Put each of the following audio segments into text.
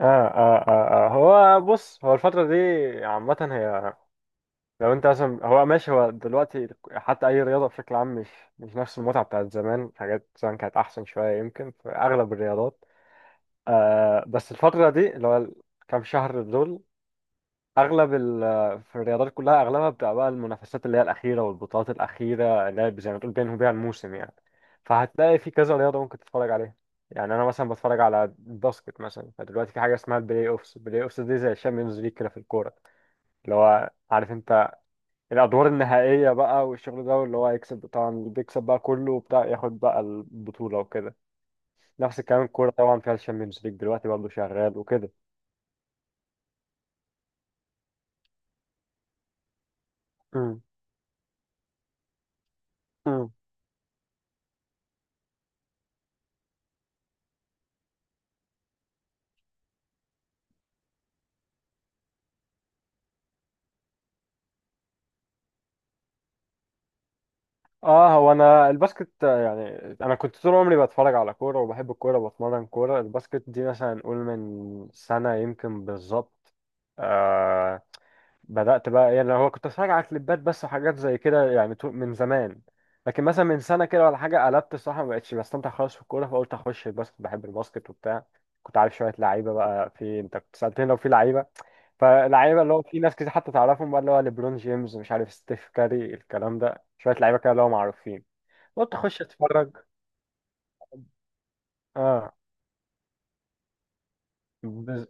آه, آه, آه, هو بص، هو الفترة دي عامة. هي لو انت مثلا، هو ماشي، هو دلوقتي حتى اي رياضة بشكل عام مش نفس المتعة بتاعت زمان. حاجات زمان كانت احسن شوية يمكن في اغلب الرياضات. آه، بس الفترة دي اللي هو الكام شهر دول، اغلب في الرياضات كلها اغلبها بتبقى بقى المنافسات اللي هي الاخيره والبطولات الاخيره، اللي هي زي ما تقول بينهم بيها الموسم يعني. فهتلاقي في كذا رياضه ممكن تتفرج عليها. يعني انا مثلا بتفرج على الباسكت مثلا، فدلوقتي في حاجه اسمها البلاي اوفس. البلاي اوفس دي زي الشامبيونز ليج كده في الكوره، اللي هو عارف انت، الادوار النهائيه بقى والشغل ده، واللي هو يكسب طبعا، اللي بيكسب بقى كله وبتاع ياخد بقى البطوله وكده. نفس الكلام، الكوره طبعا فيها الشامبيونز ليج دلوقتي برضه شغال وكده. مم. اه هو انا الباسكت، آه، يعني انا كنت طول عمري بتفرج على كوره وبحب الكوره وبتمرن كوره. الباسكت دي مثلا نقول من سنه يمكن بالظبط، آه، بدات بقى. يعني هو كنت اتفرج على كليبات بس وحاجات زي كده يعني من زمان. لكن مثلا من سنه كده ولا حاجه قلبت الصراحه ما بقتش بستمتع خالص في الكوره، فقلت اخش الباسكت. بحب الباسكت وبتاع. كنت عارف شويه لعيبه بقى، في انت كنت سالتني لو في لعيبه، فلعيبه اللي هو في ناس كتير حتى تعرفهم بقى، اللي هو ليبرون جيمس، مش عارف ستيف كاري، الكلام ده. شويه لعيبه كده اللي هو معروفين. قلت اخش اتفرج. اه. بز...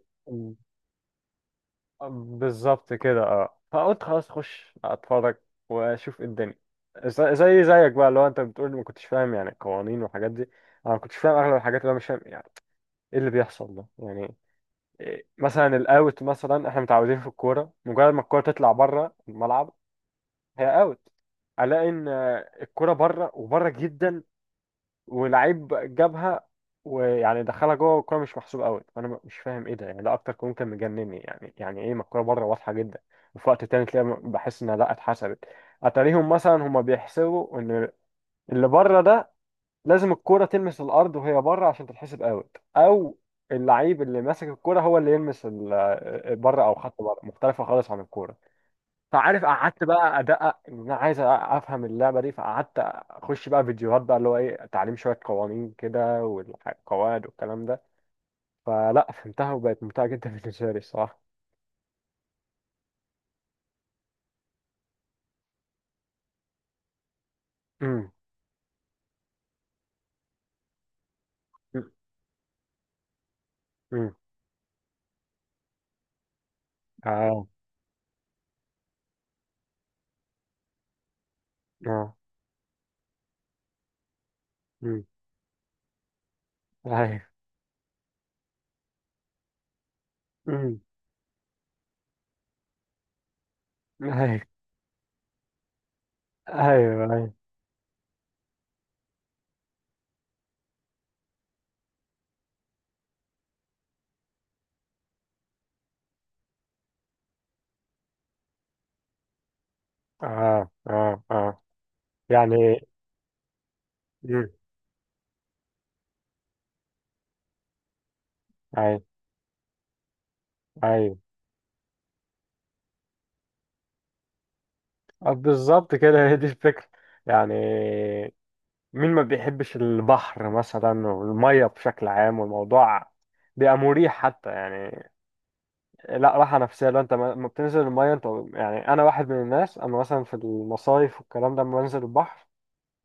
بالظبط كده. اه فقلت خلاص اخش اتفرج واشوف إيه الدنيا. زي زيك بقى، لو انت بتقول ما كنتش فاهم يعني القوانين والحاجات دي. انا ما كنتش فاهم اغلب الحاجات. اللي انا مش فاهم يعني ايه اللي بيحصل ده يعني، إيه مثلا الاوت. مثلا احنا متعودين في الكوره مجرد ما الكوره تطلع بره الملعب هي اوت. الاقي ان الكوره بره، وبره جدا، ولعيب جابها ويعني دخلها جوه، والكوره مش محسوب قوي، فانا مش فاهم ايه ده يعني. ده اكتر كون كان مجنني يعني. يعني ايه؟ ما الكوره بره واضحه جدا. وفي وقت تاني تلاقي بحس انها لا اتحسبت. اتاريهم مثلا هما بيحسبوا ان اللي بره ده لازم الكوره تلمس الارض وهي بره عشان تتحسب اوت، او اللعيب اللي ماسك الكوره هو اللي يلمس بره، او خط بره مختلفه خالص عن الكوره. فعارف قعدت بقى ادقق، ان انا عايز افهم اللعبه دي، فقعدت اخش بقى فيديوهات بقى، اللي هو ايه تعليم شويه قوانين كده والقواعد والكلام ده، فلا فهمتها وبقت ممتعه جدا بالنسبه لي الصراحه. امم. امم. امم. اه. اه. امم. ايوه. امم. ايوه، ايوه، ايوه. اه، اه، اه، يعني امم. ايوه، ايوه. آه، بالظبط كده هي دي الفكره. يعني مين ما بيحبش البحر مثلا والمية بشكل عام؟ والموضوع بيبقى مريح حتى يعني، لا راحة نفسية لو انت ما بتنزل المية انت. يعني انا واحد من الناس، انا مثلا في المصايف والكلام ده لما بنزل البحر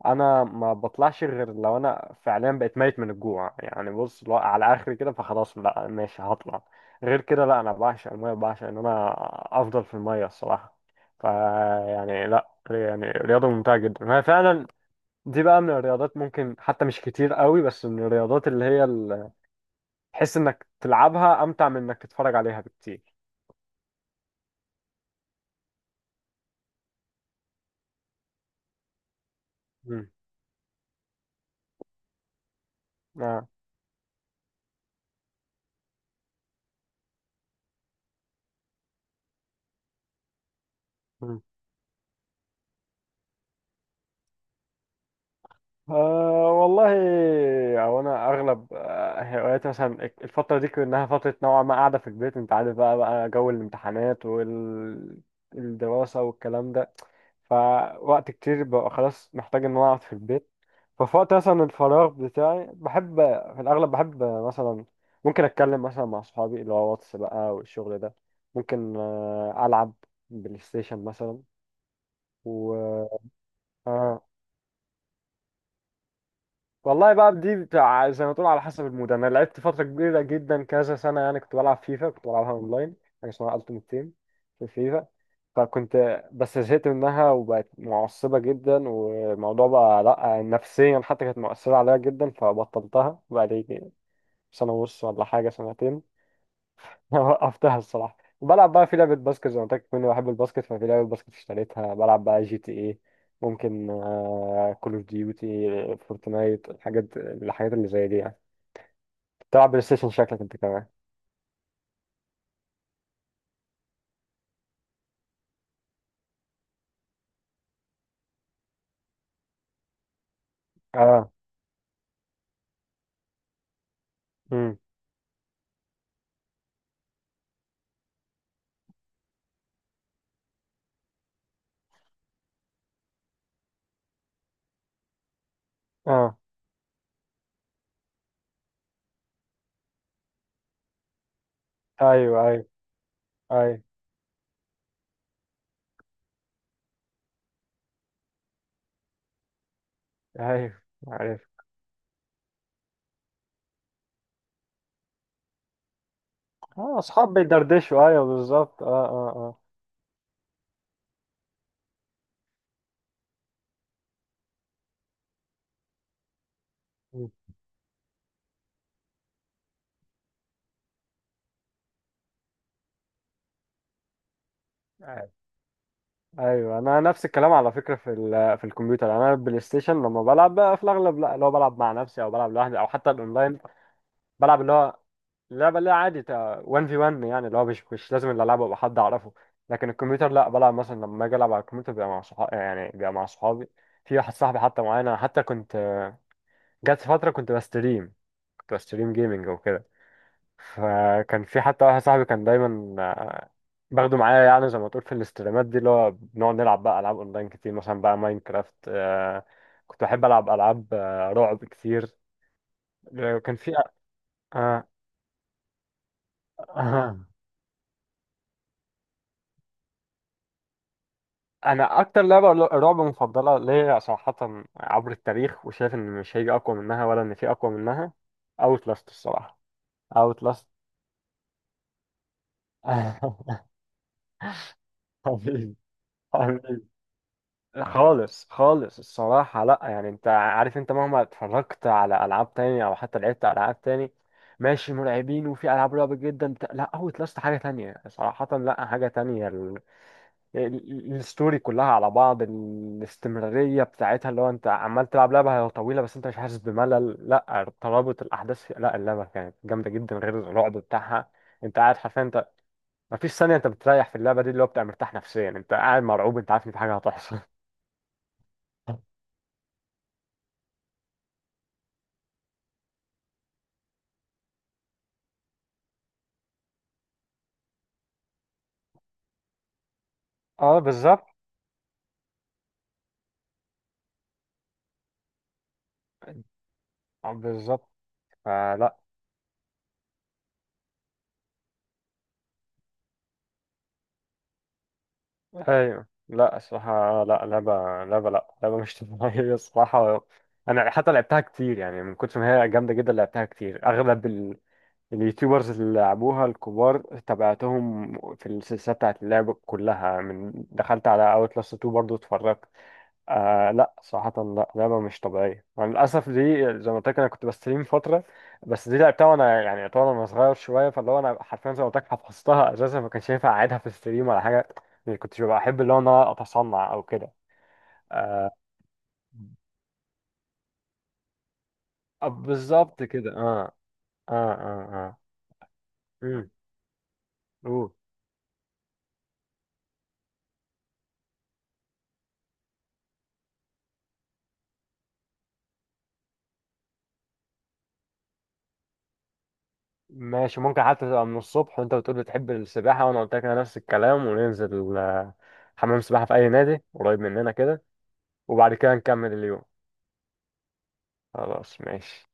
انا ما بطلعش، غير لو انا فعليا بقيت ميت من الجوع، يعني بص لو على اخري كده، فخلاص لا ماشي هطلع. غير كده لا، انا بعشق المية، بعشق ان انا افضل في المية الصراحة. فيعني لا، يعني رياضة ممتعة جدا هي فعلا. دي بقى من الرياضات ممكن حتى مش كتير قوي، بس من الرياضات اللي هي تحس انك تلعبها امتع من انك تتفرج عليها بكتير. مم. آه. مم. آه والله، او انا اغلب، آه، هواياتي مثلا الفتره دي كانها فتره نوعا ما قاعده في البيت، انت عارف بقى جو الامتحانات والدراسه والكلام ده، فوقت كتير ببقى خلاص محتاج ان انا اقعد في البيت. ففي وقت مثلا الفراغ بتاعي بحب، في الاغلب بحب مثلا، ممكن اتكلم مثلا مع صحابي اللي هو واتس بقى والشغل ده، ممكن آه، العب بلاي ستيشن مثلا، و... آه. والله بقى دي بتاع زي ما تقول على حسب المود. انا لعبت فتره كبيره جدا كذا سنه يعني، كنت بلعب فيفا، كنت بلعبها اونلاين حاجه اسمها التيمت تيم في فيفا. فكنت بس زهقت منها وبقت معصبة جدا والموضوع بقى لأ، نفسيا حتى كانت مؤثرة عليا جدا، فبطلتها بقالي سنة ونص ولا حاجة، سنتين. وقفتها الصراحة، وبلعب بقى في لعبة باسكت زي ما قلت لك، كنت بحب الباسكت ففي لعبة باسكت اشتريتها. بلعب بقى جي تي ايه، ممكن كول اوف ديوتي، فورتنايت، الحاجات اللي زي دي يعني. تلعب بلاي ستيشن شكلك انت كمان. اه. امم. اه، ايوه، ايوه، ايوه، ايوه، اه، اصحاب بيدردشوا، ايوه بالظبط، اه، اه، اه. م. آه، ايوه. انا نفس الكلام على فكره في في الكمبيوتر. يعني انا البلاي ستيشن لما بلعب بقى في الاغلب، لا اللي هو بلعب مع نفسي او بلعب لوحدي، او حتى الاونلاين بلعب اللي هو اللعبه اللي هي عادي 1 في 1، يعني اللي هو مش لازم اللي العبه ابقى حد اعرفه. لكن الكمبيوتر لا بلعب مثلا، لما اجي العب على الكمبيوتر بيبقى مع صحابي، يعني بيبقى مع صحابي. في واحد صاحبي حتى معانا، حتى كنت جت فتره كنت بستريم، كنت بستريم جيمنج وكده، فكان في حتى واحد صاحبي كان دايما باخده معايا، يعني زي ما تقول في الاستريمات دي، اللي هو بنقعد نلعب بقى العاب اونلاين كتير، مثلا بقى ماينكرافت، آه، كنت بحب العب العاب، آه، رعب كتير، آه، كان في. آه. آه. انا اكتر لعبه رعب مفضله ليا صراحه عبر التاريخ، وشايف ان مش هيجي اقوى منها ولا ان في اقوى منها، اوت لاست الصراحه. اوت لاست. حبيبي. خالص، خالص الصراحة لا، يعني انت عارف، انت مهما اتفرجت على ألعاب تانية أو حتى لعبت ألعاب تاني، ماشي مرعبين وفي ألعاب رعب جدا بتاع، لا هو لاست حاجة تانية صراحة، لا حاجة تانية. الستوري كلها على بعض، الاستمرارية بتاعتها اللي هو انت عمال تلعب لعبة هي طويلة بس انت مش حاسس بملل، لا ترابط الأحداث في... لا اللعبة كانت جامدة جدا غير الرعب بتاعها. انت قاعد حرفيا، انت مفيش ثانية انت بتريح في اللعبة دي، اللي هو بتبقى مرتاح نفسيا، انت قاعد مرعوب، انت عارف ان في حاجة هتحصل. اه بالظبط. بالظبط. فلا. ايوه، لا الصراحه، لا لعبه لا لعبه مش طبيعيه الصراحه. انا حتى لعبتها كتير، يعني من كتر ما هي جامده جدا لعبتها كتير. اغلب اليوتيوبرز اللي لعبوها الكبار تابعتهم في السلسله بتاعت اللعب كلها. من دخلت على اوتلاست 2 برضو اتفرجت. آه لا صراحة لا لعبة مش طبيعية مع للأسف دي. زي ما قلت لك أنا كنت بستريم فترة، بس دي لعبتها وأنا يعني يعتبر أنا صغير شوية، فاللي هو أنا حرفيا زي ما قلت لك حفظتها، أساسا ما كانش ينفع أعيدها في الستريم ولا حاجة، يعني كنتش ببقى أحب اللي هو إن أنا أتصنع أو كده. آه. آه، بالظبط كده أه. أه. أه. أه. أمم. أوه. ماشي ممكن حتى تبقى من الصبح، وأنت بتقول بتحب السباحة وأنا قلت لك أنا نفس الكلام، وننزل آه، حمام سباحة في أي نادي قريب مننا كده، وبعد كده نكمل اليوم. خلاص ماشي.